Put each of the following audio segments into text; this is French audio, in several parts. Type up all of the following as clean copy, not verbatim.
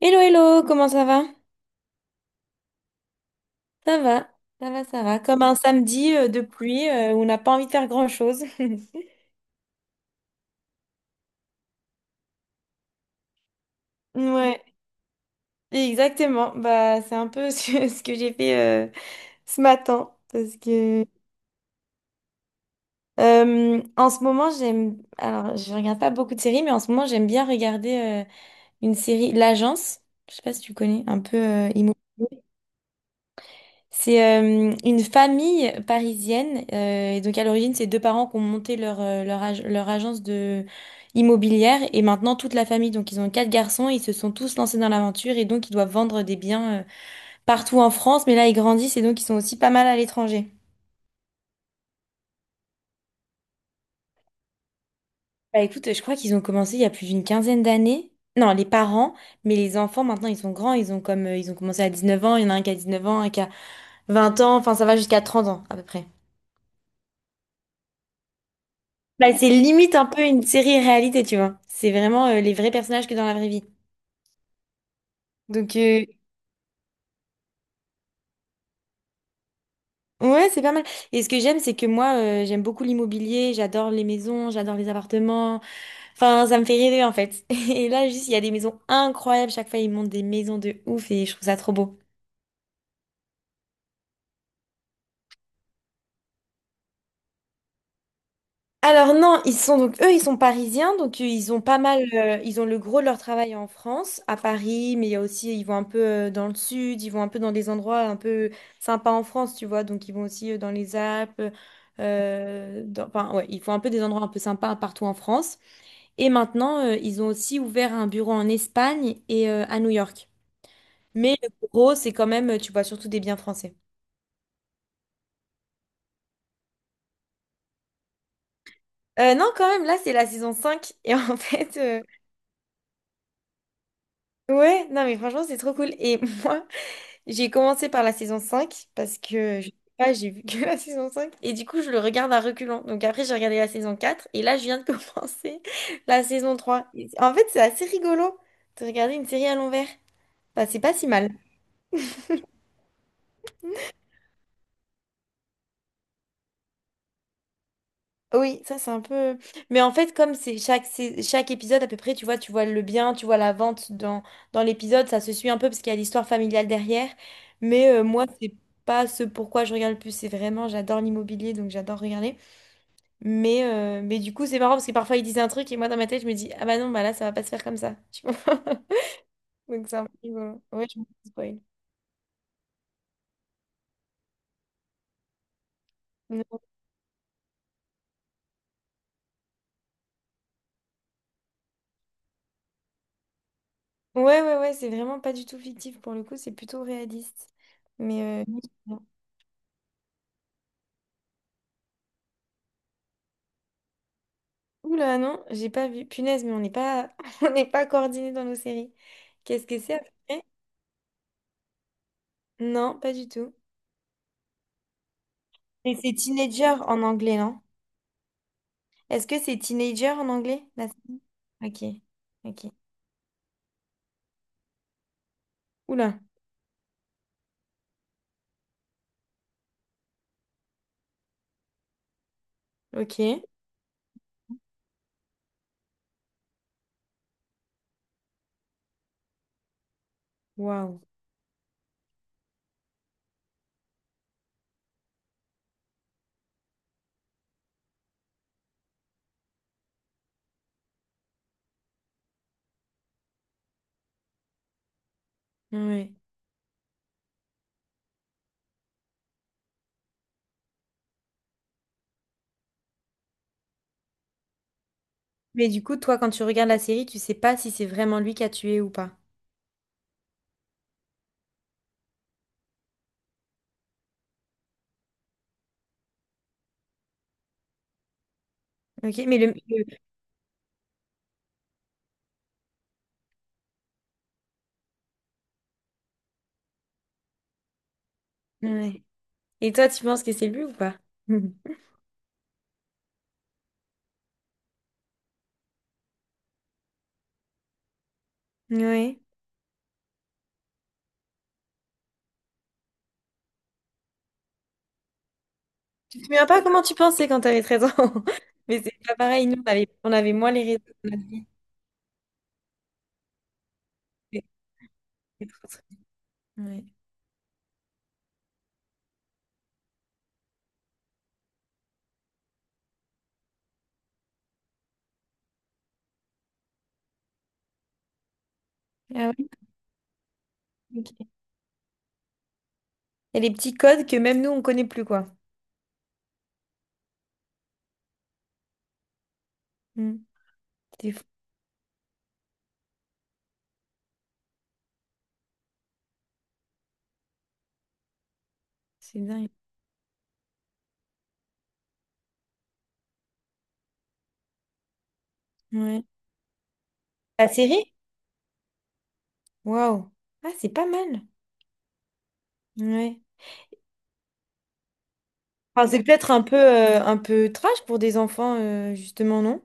Hello, hello, comment ça va? Ça va, ça va, ça va. Comme un samedi de pluie où on n'a pas envie de faire grand-chose. Ouais, exactement. Bah, c'est un peu ce que j'ai fait ce matin. Parce que en ce moment, j'aime. Alors, je regarde pas beaucoup de séries, mais en ce moment, j'aime bien regarder une série, L'Agence. Je sais pas si tu connais, un peu immobilier. C'est une famille parisienne. Et donc à l'origine, c'est deux parents qui ont monté leur agence de immobilière. Et maintenant, toute la famille, donc ils ont quatre garçons, ils se sont tous lancés dans l'aventure et donc ils doivent vendre des biens partout en France. Mais là, ils grandissent et donc ils sont aussi pas mal à l'étranger. Bah écoute, je crois qu'ils ont commencé il y a plus d'une quinzaine d'années. Non, les parents, mais les enfants, maintenant, ils sont grands. Ils ont commencé à 19 ans. Il y en a un qui a 19 ans, un qui a 20 ans. Enfin, ça va jusqu'à 30 ans à peu près. Bah, c'est limite un peu une série réalité, tu vois. C'est vraiment les vrais personnages que dans la vraie vie. Donc, euh, ouais, c'est pas mal. Et ce que j'aime, c'est que moi, j'aime beaucoup l'immobilier, j'adore les maisons, j'adore les appartements. Enfin, ça me fait rêver, en fait. Et là, juste, il y a des maisons incroyables. Chaque fois, ils montent des maisons de ouf et je trouve ça trop beau. Alors non, ils sont donc eux, ils sont parisiens, donc ils ont pas mal, ils ont le gros de leur travail en France, à Paris, mais il y a aussi, ils vont un peu dans le sud, ils vont un peu dans des endroits un peu sympas en France, tu vois, donc ils vont aussi dans les Alpes, enfin ouais, ils font un peu des endroits un peu sympas partout en France. Et maintenant, ils ont aussi ouvert un bureau en Espagne et à New York. Mais le gros, c'est quand même, tu vois, surtout des biens français. Non, quand même, là, c'est la saison cinq. Et en fait, ouais, non, mais franchement, c'est trop cool. Et moi, j'ai commencé par la saison 5 parce que je sais pas, j'ai vu que la saison 5 et du coup je le regarde à reculons. Donc après j'ai regardé la saison 4 et là je viens de commencer la saison 3. En fait, c'est assez rigolo de regarder une série à l'envers. Enfin, c'est pas si mal. Oui, ça c'est un peu, mais en fait comme c'est chaque épisode à peu près, tu vois le bien, tu vois la vente dans l'épisode, ça se suit un peu parce qu'il y a l'histoire familiale derrière, mais moi c'est pas ce pourquoi je regarde le plus, c'est vraiment j'adore l'immobilier donc j'adore regarder. Mais du coup, c'est marrant parce que parfois ils disent un truc et moi dans ma tête, je me dis, ah bah non, bah là, ça va pas se faire comme ça. Tu vois? Donc c'est un peu rigolo. Ouais, je me fais spoil. Non. Ouais, ouais, ouais, c'est vraiment pas du tout fictif pour le coup, c'est plutôt réaliste. Mais. Oula, non, j'ai pas vu. Punaise, mais on n'est pas on n'est pas coordinés dans nos séries. Qu'est-ce que c'est après? Non, pas du tout. Mais c'est Teenager en anglais, non? Est-ce que c'est Teenager en anglais? La série? Ok, ok. Oula, ok. Waouh. Ouais. Mais du coup, toi, quand tu regardes la série, tu sais pas si c'est vraiment lui qui a tué ou pas. Ok, mais le. Ouais. Et toi, tu penses que c'est lui ou pas? Mhm. Ouais. Tu te souviens pas comment tu pensais quand t'avais 13 ans? Mais c'est pas pareil, nous, on avait moins les réseaux. C'était trop truc. Ouais. Ah, oui. Ok. Il y a des petits codes que même nous, on connaît plus, quoi. Hmm. C'est fou. C'est dingue. Ouais. La série? Waouh. Ah, c'est pas mal. Ouais. Enfin, c'est peut-être un peu trash pour des enfants, justement, non?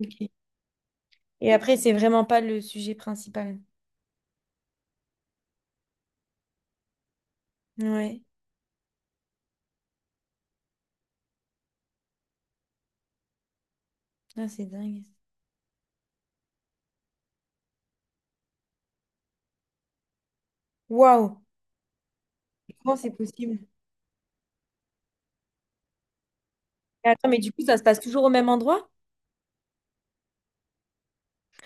Ok. Et après, c'est vraiment pas le sujet principal. Ouais, ah, c'est dingue. Waouh, comment c'est possible? Mais attends, mais du coup, ça se passe toujours au même endroit?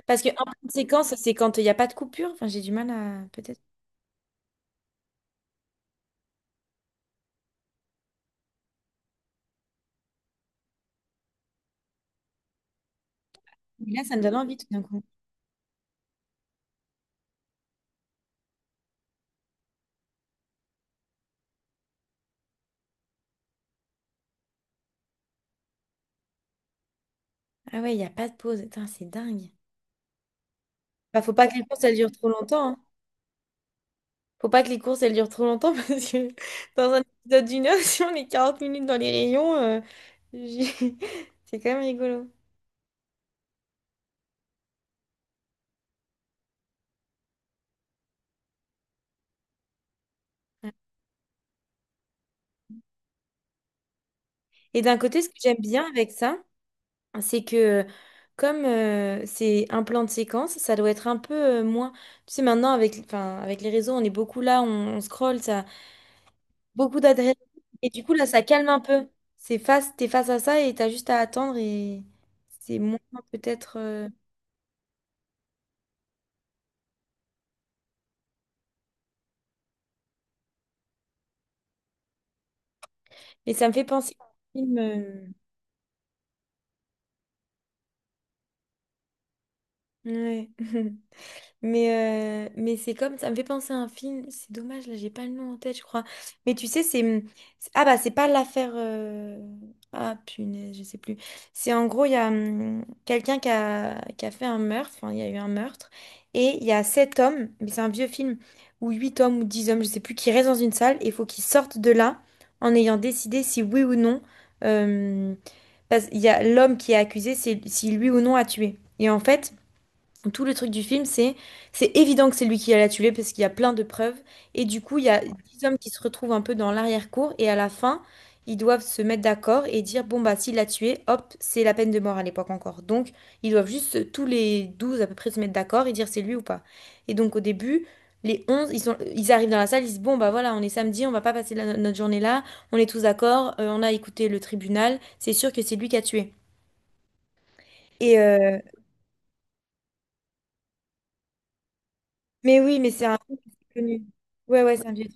Parce qu'un plan de séquence, c'est quand il n'y a pas de coupure. Enfin, j'ai du mal à. Peut-être. Mais là, ça me donne envie tout d'un coup. Ah, ouais, il n'y a pas de pause. Attends, c'est dingue. Bah, faut pas que les courses, elles durent trop longtemps, hein. Faut pas que les courses, elles durent trop longtemps parce que dans un épisode d'une heure, si on est 40 minutes dans les rayons, j'ai- c'est quand même rigolo. Et d'un côté, ce que j'aime bien avec ça, c'est que comme c'est un plan de séquence, ça doit être un peu moins. Tu sais, maintenant avec, enfin, avec les réseaux, on est beaucoup là, on scrolle, ça, beaucoup d'adresses. Et du coup, là, ça calme un peu. C'est face, t'es face à ça et t'as juste à attendre et c'est moins peut-être. Mais ça me fait penser à un film. Ouais. Mais c'est comme, ça me fait penser à un film, c'est dommage, là, j'ai pas le nom en tête, je crois. Mais tu sais, c'est. Ah bah, c'est pas l'affaire. Ah punaise, je sais plus. C'est en gros, il y a quelqu'un qui a fait un meurtre, enfin, il y a eu un meurtre, et il y a sept hommes, mais c'est un vieux film, ou huit hommes ou dix hommes, je sais plus, qui restent dans une salle, et il faut qu'ils sortent de là en ayant décidé si oui ou non... euh, parce qu'il y a l'homme qui est accusé, c'est si lui ou non a tué. Et en fait. Tout le truc du film, c'est évident que c'est lui qui a la tuer parce qu'il y a plein de preuves. Et du coup, il y a dix hommes qui se retrouvent un peu dans l'arrière-cour et à la fin, ils doivent se mettre d'accord et dire, bon, bah, s'il l'a tué, hop, c'est la peine de mort à l'époque encore. Donc, ils doivent juste tous les 12 à peu près se mettre d'accord et dire c'est lui ou pas. Et donc, au début, les 11, ils arrivent dans la salle, ils disent, bon, bah voilà, on est samedi, on va pas passer notre journée là, on est tous d'accord, on a écouté le tribunal, c'est sûr que c'est lui qui a tué. Et, euh, mais oui, mais c'est un truc connu. Ouais, ouais, c'est un vieux.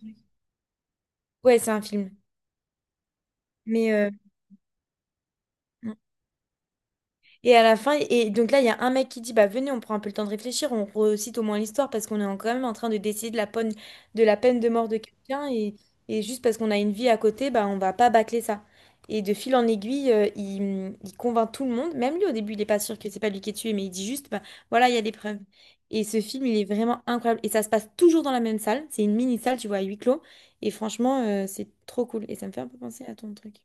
Ouais, c'est un film. Mais et à la fin, et donc là, il y a un mec qui dit, bah venez, on prend un peu le temps de réfléchir, on recite au moins l'histoire parce qu'on est quand même en train de décider de la peine de mort de quelqu'un et juste parce qu'on a une vie à côté, bah on va pas bâcler ça. Et de fil en aiguille, il convainc tout le monde. Même lui, au début, il est pas sûr que c'est pas lui qui est tué, mais il dit juste, bah voilà, il y a des preuves. Et ce film, il est vraiment incroyable. Et ça se passe toujours dans la même salle. C'est une mini salle, tu vois, à huis clos. Et franchement, c'est trop cool. Et ça me fait un peu penser à ton truc.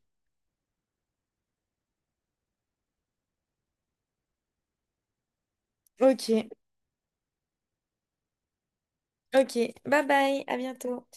Ok. Ok, bye bye, à bientôt.